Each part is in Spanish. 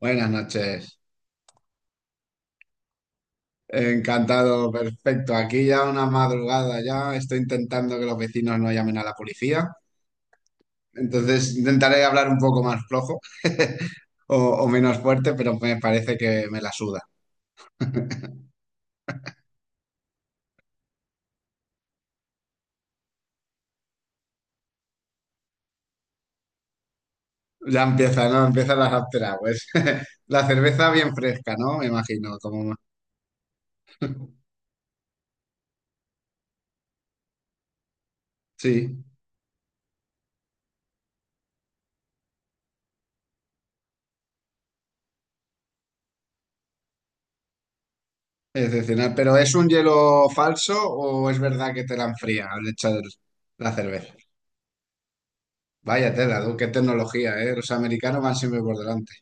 Buenas noches. Encantado, perfecto. Aquí ya una madrugada ya. Estoy intentando que los vecinos no llamen a la policía. Entonces intentaré hablar un poco más flojo o, o menos fuerte, pero me parece que me la suda. Ya empieza, ¿no? Empiezan las after hours. La cerveza bien fresca, ¿no? Me imagino. Como... Sí, excepcional. ¿Pero es un hielo falso o es verdad que te la enfría al echar la cerveza? Vaya tela, tú, ¡qué tecnología, eh! Los americanos van siempre por delante.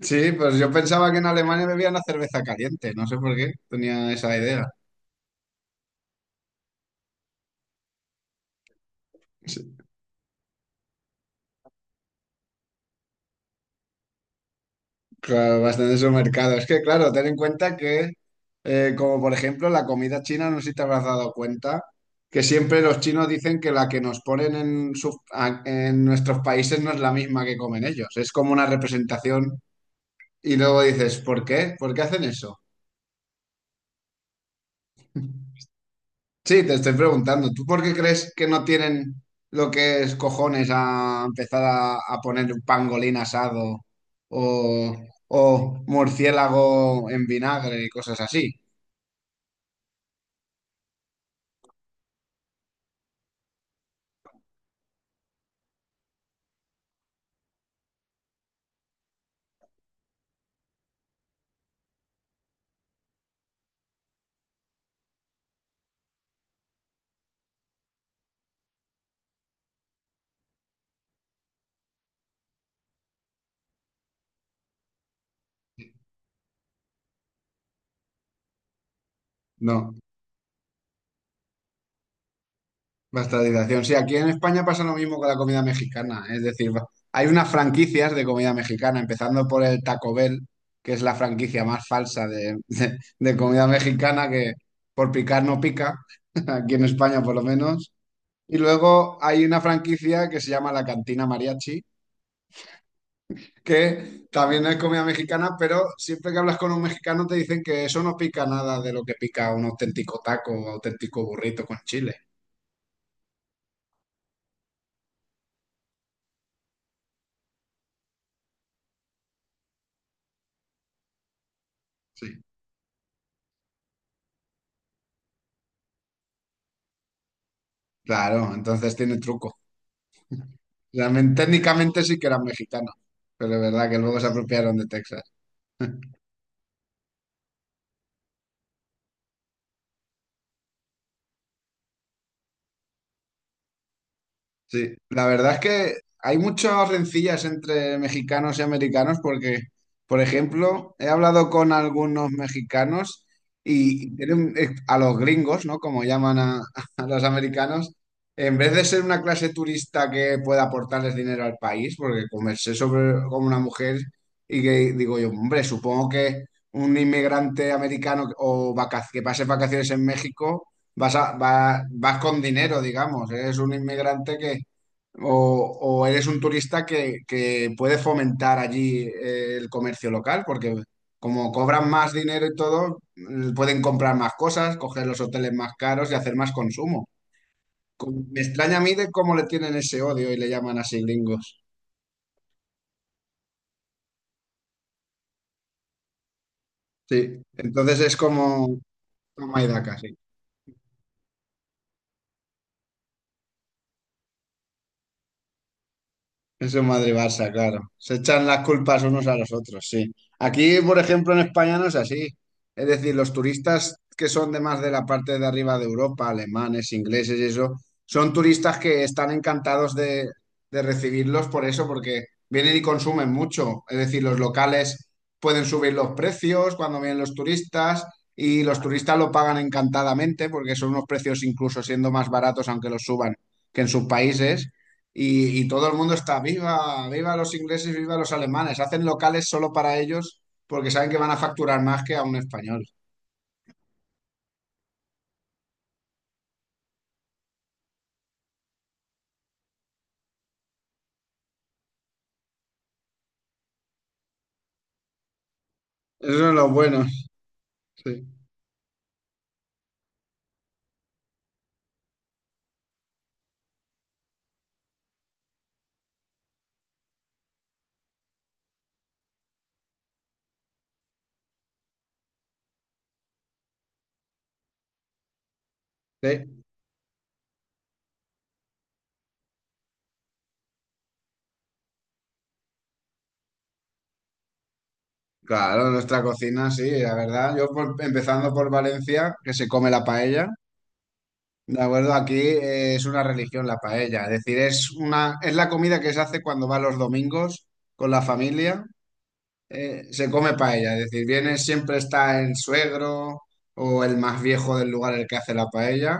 Sí, pues yo pensaba que en Alemania bebían la cerveza caliente, no sé por qué tenía esa idea. Sí, claro, bastante su mercado. Es que, claro, ten en cuenta que, como por ejemplo, la comida china, no sé si te habrás dado cuenta, que siempre los chinos dicen que la que nos ponen en, en nuestros países no es la misma que comen ellos. Es como una representación y luego dices, ¿por qué? ¿Por qué hacen eso? Sí, te estoy preguntando, ¿tú por qué crees que no tienen lo que es cojones a empezar a poner un pangolín asado o, o murciélago en vinagre y cosas así? No, bastardización. Sí, aquí en España pasa lo mismo con la comida mexicana, es decir, hay unas franquicias de comida mexicana, empezando por el Taco Bell, que es la franquicia más falsa de, de comida mexicana que por picar no pica, aquí en España por lo menos. Y luego hay una franquicia que se llama La Cantina Mariachi, que también es comida mexicana, pero siempre que hablas con un mexicano te dicen que eso no pica nada de lo que pica un auténtico taco o auténtico burrito con chile. Sí. Claro, entonces tiene truco. Realmente, técnicamente sí que eran mexicanos, pero es verdad que luego se apropiaron de Texas. Sí, la verdad es que hay muchas rencillas entre mexicanos y americanos porque, por ejemplo, he hablado con algunos mexicanos y tienen, a los gringos, ¿no? Como llaman a, a los americanos, en vez de ser una clase turista que pueda aportarles dinero al país, porque conversé sobre con una mujer y que digo yo, hombre, supongo que un inmigrante americano o que pase vacaciones en México. Vas, vas con dinero, digamos. Eres un inmigrante que, o, o eres un turista que puede fomentar allí el comercio local, porque como cobran más dinero y todo, pueden comprar más cosas, coger los hoteles más caros y hacer más consumo. Me extraña a mí de cómo le tienen ese odio y le llaman así gringos. Sí, entonces es como toma y daca, sí. Eso es Madrid-Barça, claro. Se echan las culpas unos a los otros, sí. Aquí, por ejemplo, en España no es así. Es decir, los turistas que son de más de la parte de arriba de Europa, alemanes, ingleses y eso, son turistas que están encantados de recibirlos por eso, porque vienen y consumen mucho. Es decir, los locales pueden subir los precios cuando vienen los turistas y los turistas lo pagan encantadamente porque son unos precios incluso siendo más baratos aunque los suban que en sus países. Y todo el mundo está, viva, viva los ingleses, viva los alemanes. Hacen locales solo para ellos porque saben que van a facturar más que a un español. Eso es lo bueno. Sí. Sí. Claro, nuestra cocina, sí, la verdad. Empezando por Valencia, que se come la paella. De acuerdo, aquí es una religión la paella. Es decir, es una, es la comida que se hace cuando va los domingos con la familia. Se come paella. Es decir, viene, siempre está el suegro o el más viejo del lugar el que hace la paella.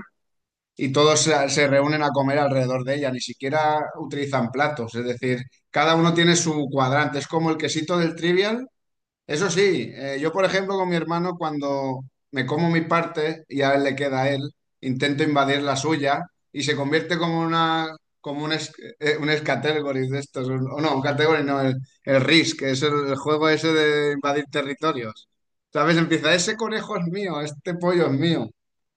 Y todos se, se reúnen a comer alrededor de ella, ni siquiera utilizan platos, es decir, cada uno tiene su cuadrante, es como el quesito del trivial, eso sí, yo por ejemplo con mi hermano cuando me como mi parte y a él le queda a él, intento invadir la suya y se convierte como una como un, un escategory de estos, o no, un category no, el Risk, que es el juego ese de invadir territorios. ¿Sabes? Empieza, ese conejo es mío, este pollo es mío.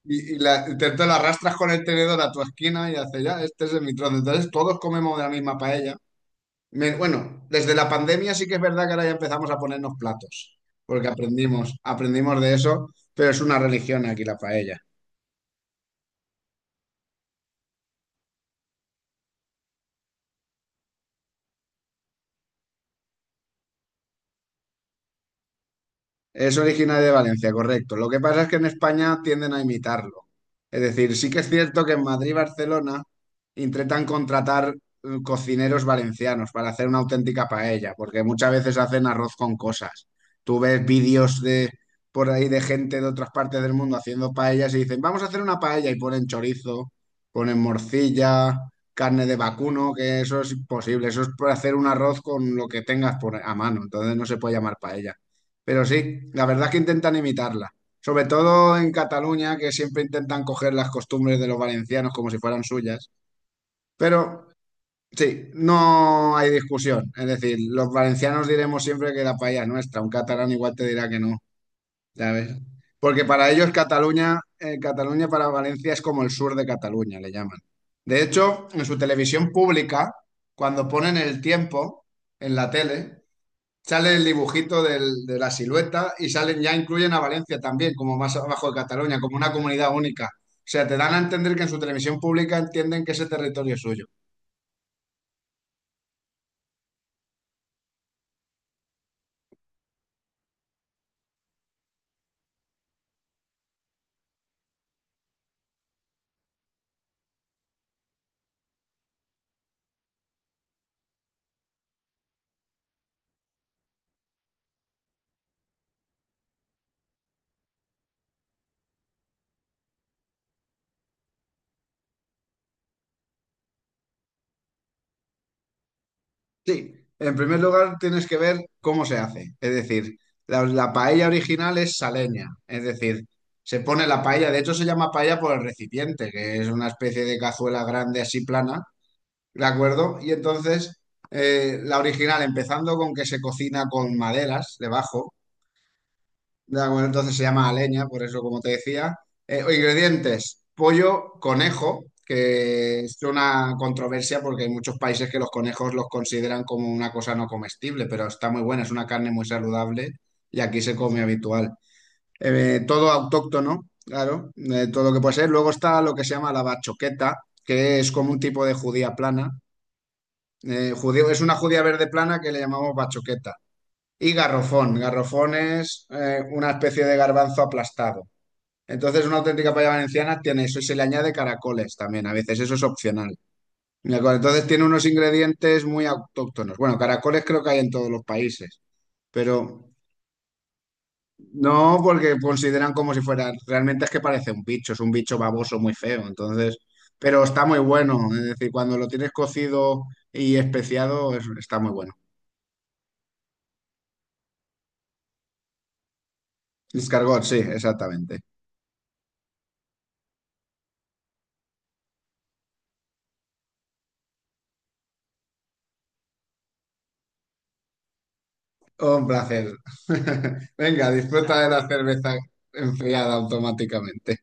Y te lo arrastras con el tenedor a tu esquina y hace ya, este es de mi trozo. Entonces todos comemos de la misma paella. Bueno, desde la pandemia sí que es verdad que ahora ya empezamos a ponernos platos, porque aprendimos, aprendimos de eso, pero es una religión aquí la paella. Es originario de Valencia, correcto. Lo que pasa es que en España tienden a imitarlo. Es decir, sí que es cierto que en Madrid y Barcelona intentan contratar cocineros valencianos para hacer una auténtica paella, porque muchas veces hacen arroz con cosas. Tú ves vídeos de por ahí de gente de otras partes del mundo haciendo paellas y dicen, vamos a hacer una paella y ponen chorizo, ponen morcilla, carne de vacuno, que eso es imposible. Eso es para hacer un arroz con lo que tengas por, a mano. Entonces no se puede llamar paella. Pero sí, la verdad es que intentan imitarla. Sobre todo en Cataluña, que siempre intentan coger las costumbres de los valencianos como si fueran suyas. Pero sí, no hay discusión. Es decir, los valencianos diremos siempre que la paella es nuestra. Un catalán igual te dirá que no, ¿sabes? Porque para ellos Cataluña, Cataluña para Valencia es como el sur de Cataluña, le llaman. De hecho, en su televisión pública, cuando ponen el tiempo en la tele, sale el dibujito de la silueta y salen ya incluyen a Valencia también, como más abajo de Cataluña, como una comunidad única. O sea, te dan a entender que en su televisión pública entienden que ese territorio es suyo. Sí, en primer lugar tienes que ver cómo se hace. Es decir, la paella original es saleña. Es decir, se pone la paella, de hecho se llama paella por el recipiente, que es una especie de cazuela grande así plana, ¿de acuerdo? Y entonces, la original, empezando con que se cocina con maderas debajo. Ya, bueno, entonces se llama aleña, por eso, como te decía. Ingredientes: pollo, conejo, que es una controversia porque hay muchos países que los conejos los consideran como una cosa no comestible, pero está muy buena, es una carne muy saludable y aquí se come habitual. Todo autóctono, claro, todo lo que puede ser. Luego está lo que se llama la bachoqueta, que es como un tipo de judía plana. Judío, es una judía verde plana que le llamamos bachoqueta y garrofón. Garrofón es una especie de garbanzo aplastado. Entonces, una auténtica paella valenciana tiene eso y se le añade caracoles también, a veces eso es opcional. ¿De acuerdo? Entonces, tiene unos ingredientes muy autóctonos. Bueno, caracoles creo que hay en todos los países, pero no porque consideran como si fuera, realmente es que parece un bicho, es un bicho baboso muy feo, entonces, pero está muy bueno, es decir, cuando lo tienes cocido y especiado, está muy bueno. Escargot, sí, exactamente. Un placer. Venga, disfruta de la cerveza enfriada automáticamente.